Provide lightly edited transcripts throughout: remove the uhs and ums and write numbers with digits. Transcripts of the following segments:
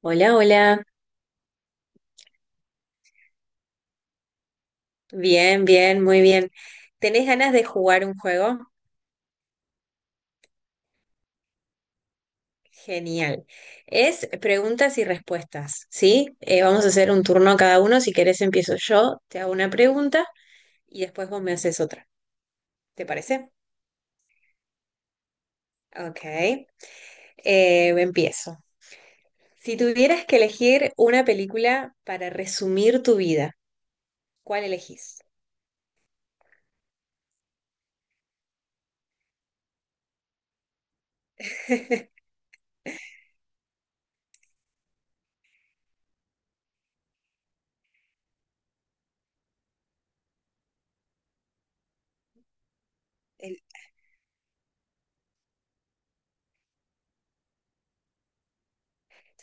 Hola, hola. Bien, bien, muy bien. ¿Tenés ganas de jugar un juego? Genial. Es preguntas y respuestas, ¿sí? Vamos a hacer un turno cada uno. Si querés empiezo yo, te hago una pregunta y después vos me haces otra. ¿Te parece? Ok. Empiezo. Si tuvieras que elegir una película para resumir tu vida, ¿cuál elegís? El-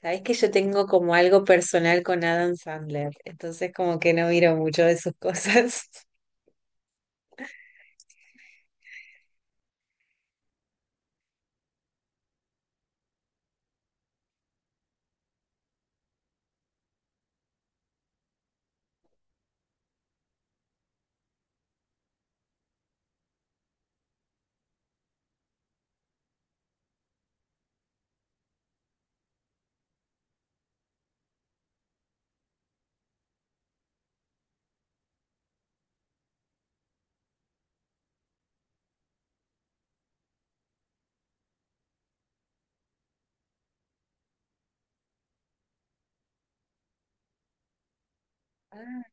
Sabés que yo tengo como algo personal con Adam Sandler, entonces como que no miro mucho de sus cosas. Ah,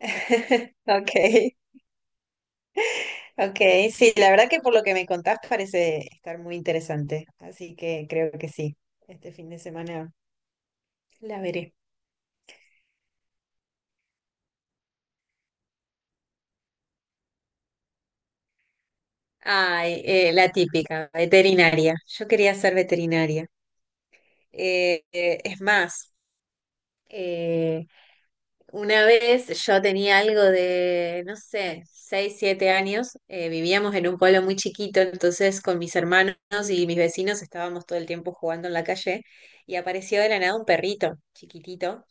Okay, okay, sí, la verdad que por lo que me contás parece estar muy interesante, así que creo que sí, este fin de semana la veré. Ay, la típica, veterinaria. Yo quería ser veterinaria. Es más, eh, una vez yo tenía algo de, no sé, 6 7 años, vivíamos en un pueblo muy chiquito, entonces con mis hermanos y mis vecinos estábamos todo el tiempo jugando en la calle y apareció de la nada un perrito chiquitito,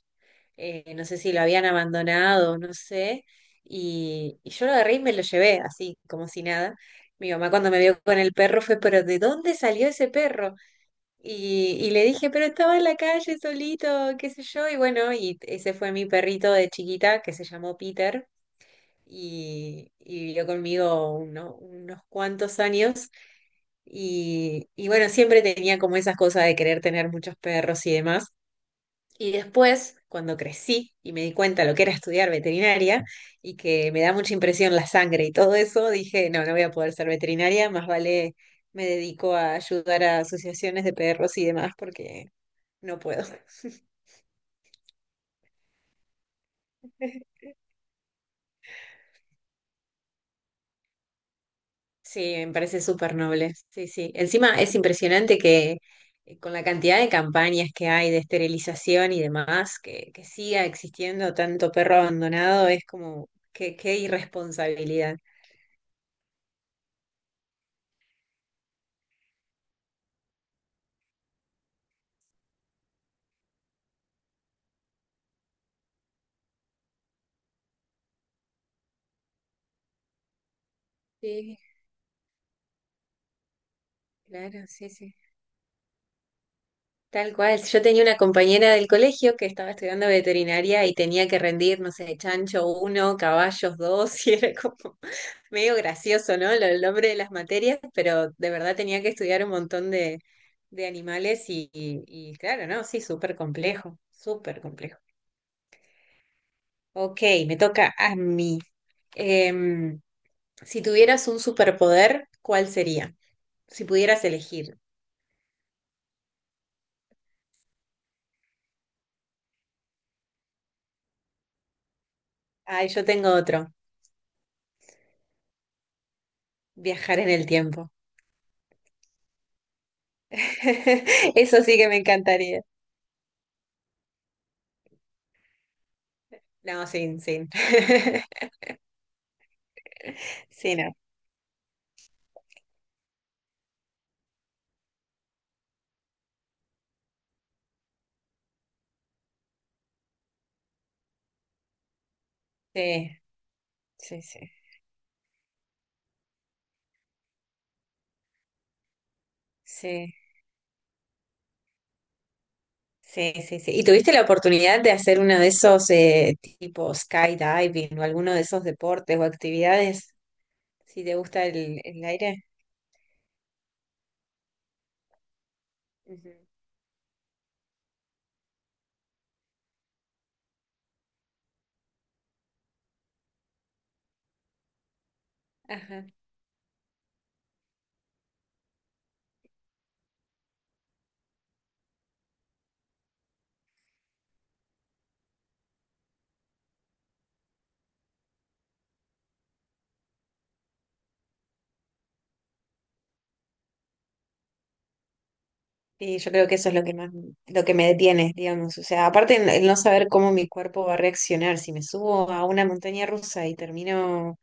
no sé si lo habían abandonado, no sé, y yo lo agarré y me lo llevé así, como si nada. Mi mamá cuando me vio con el perro fue, pero ¿de dónde salió ese perro? Y le dije, pero estaba en la calle solito, qué sé yo. Y bueno, y ese fue mi perrito de chiquita que se llamó Peter y vivió conmigo unos cuantos años. Y bueno, siempre tenía como esas cosas de querer tener muchos perros y demás. Y después, cuando crecí y me di cuenta lo que era estudiar veterinaria y que me da mucha impresión la sangre y todo eso, dije, no, no voy a poder ser veterinaria, más vale me dedico a ayudar a asociaciones de perros y demás porque no puedo. Sí, me parece súper noble. Sí, sí. Encima es impresionante que con la cantidad de campañas que hay de esterilización y demás, que siga existiendo tanto perro abandonado, es como qué, qué irresponsabilidad. Sí, claro, sí, sí. Tal cual. Yo tenía una compañera del colegio que estaba estudiando veterinaria y tenía que rendir, no sé, chancho uno, caballos dos, y era como medio gracioso, ¿no? El nombre de las materias, pero de verdad tenía que estudiar un montón de animales y, y claro, ¿no? Sí, súper complejo, súper complejo. Ok, me toca a mí. Em, si tuvieras un superpoder, ¿cuál sería? Si pudieras elegir. Ay, yo tengo otro, viajar en el tiempo. Eso sí que me encantaría. No, sin, sin. Sí, no. Sí, sí, sí. Sí, sí, sí, sí. ¿Y tuviste la oportunidad de hacer uno de esos tipo skydiving o alguno de esos deportes o actividades? Si te gusta el aire. Ujú. Ajá. Y yo creo que eso es lo que más, lo que me detiene, digamos. O sea, aparte el no saber cómo mi cuerpo va a reaccionar, si me subo a una montaña rusa y termino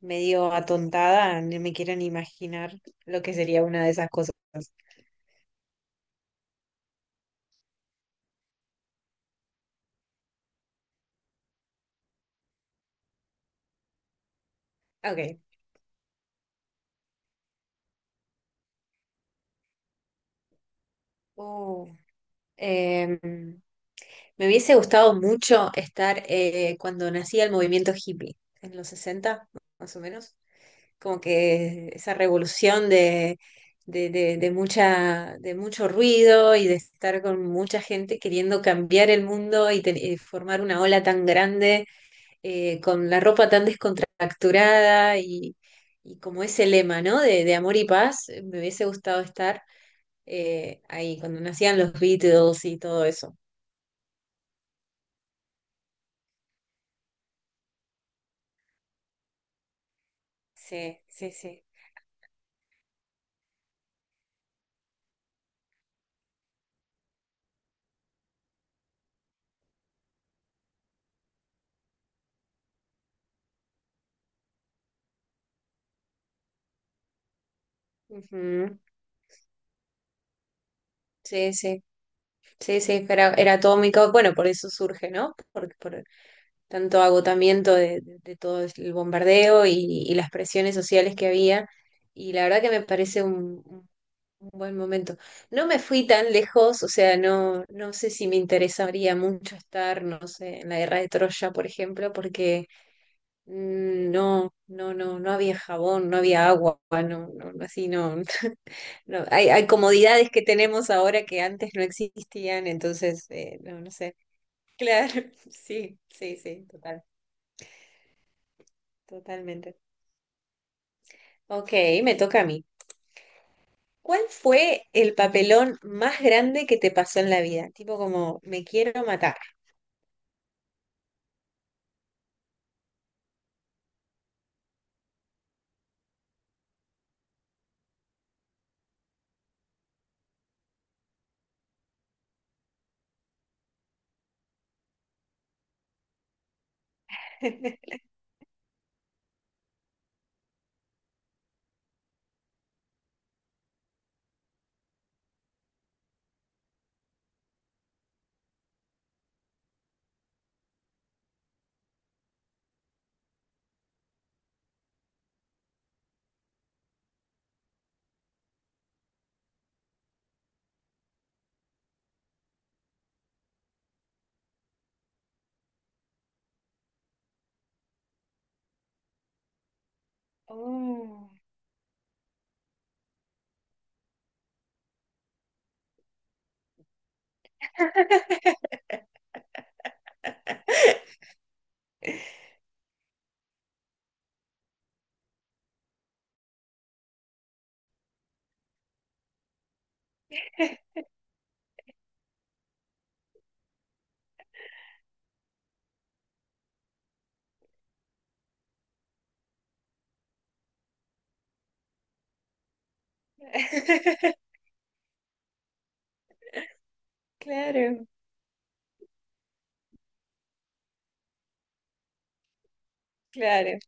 medio atontada, no me quiero ni imaginar lo que sería una de esas cosas. Ok. Uh, me hubiese gustado mucho estar cuando nacía el movimiento hippie, en los 60, más o menos. Como que esa revolución de mucha, de mucho ruido y de estar con mucha gente queriendo cambiar el mundo y, y formar una ola tan grande con la ropa tan descontracturada y como ese lema, ¿no? De amor y paz, me hubiese gustado estar ahí, cuando nacían los Beatles y todo eso. Sí, sí, sí. Ujú. Sí, sí, sí, sí, era, era todo mi bueno, por eso surge, ¿no? Por tanto agotamiento de, de todo el bombardeo y las presiones sociales que había. Y la verdad que me parece un buen momento. No me fui tan lejos, o sea, no, no sé si me interesaría mucho estar, no sé, en la guerra de Troya, por ejemplo, porque mm, no, no, no, no había jabón, no había agua, no, no, no, así no, no. Hay comodidades que tenemos ahora que antes no existían, entonces, no, no sé. Claro, sí, sí, sí, total, totalmente. Ok, me toca a mí. ¿Cuál fue el papelón más grande que te pasó en la vida? Tipo como, me quiero matar. Oh. Claro, claro,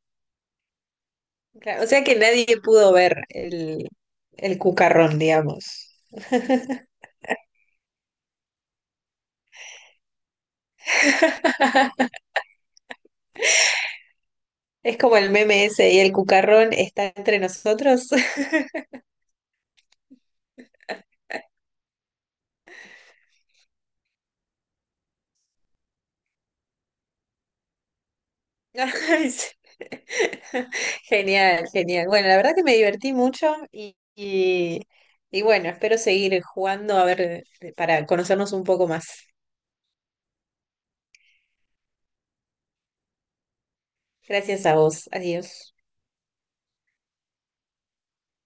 claro. O sea que nadie pudo ver el cucarrón, digamos. Es como el meme ese, y el cucarrón está entre nosotros. Ay, sí. Genial, genial. Bueno, la verdad que me divertí mucho y bueno, espero seguir jugando a ver para conocernos un poco más. Gracias a vos. Adiós.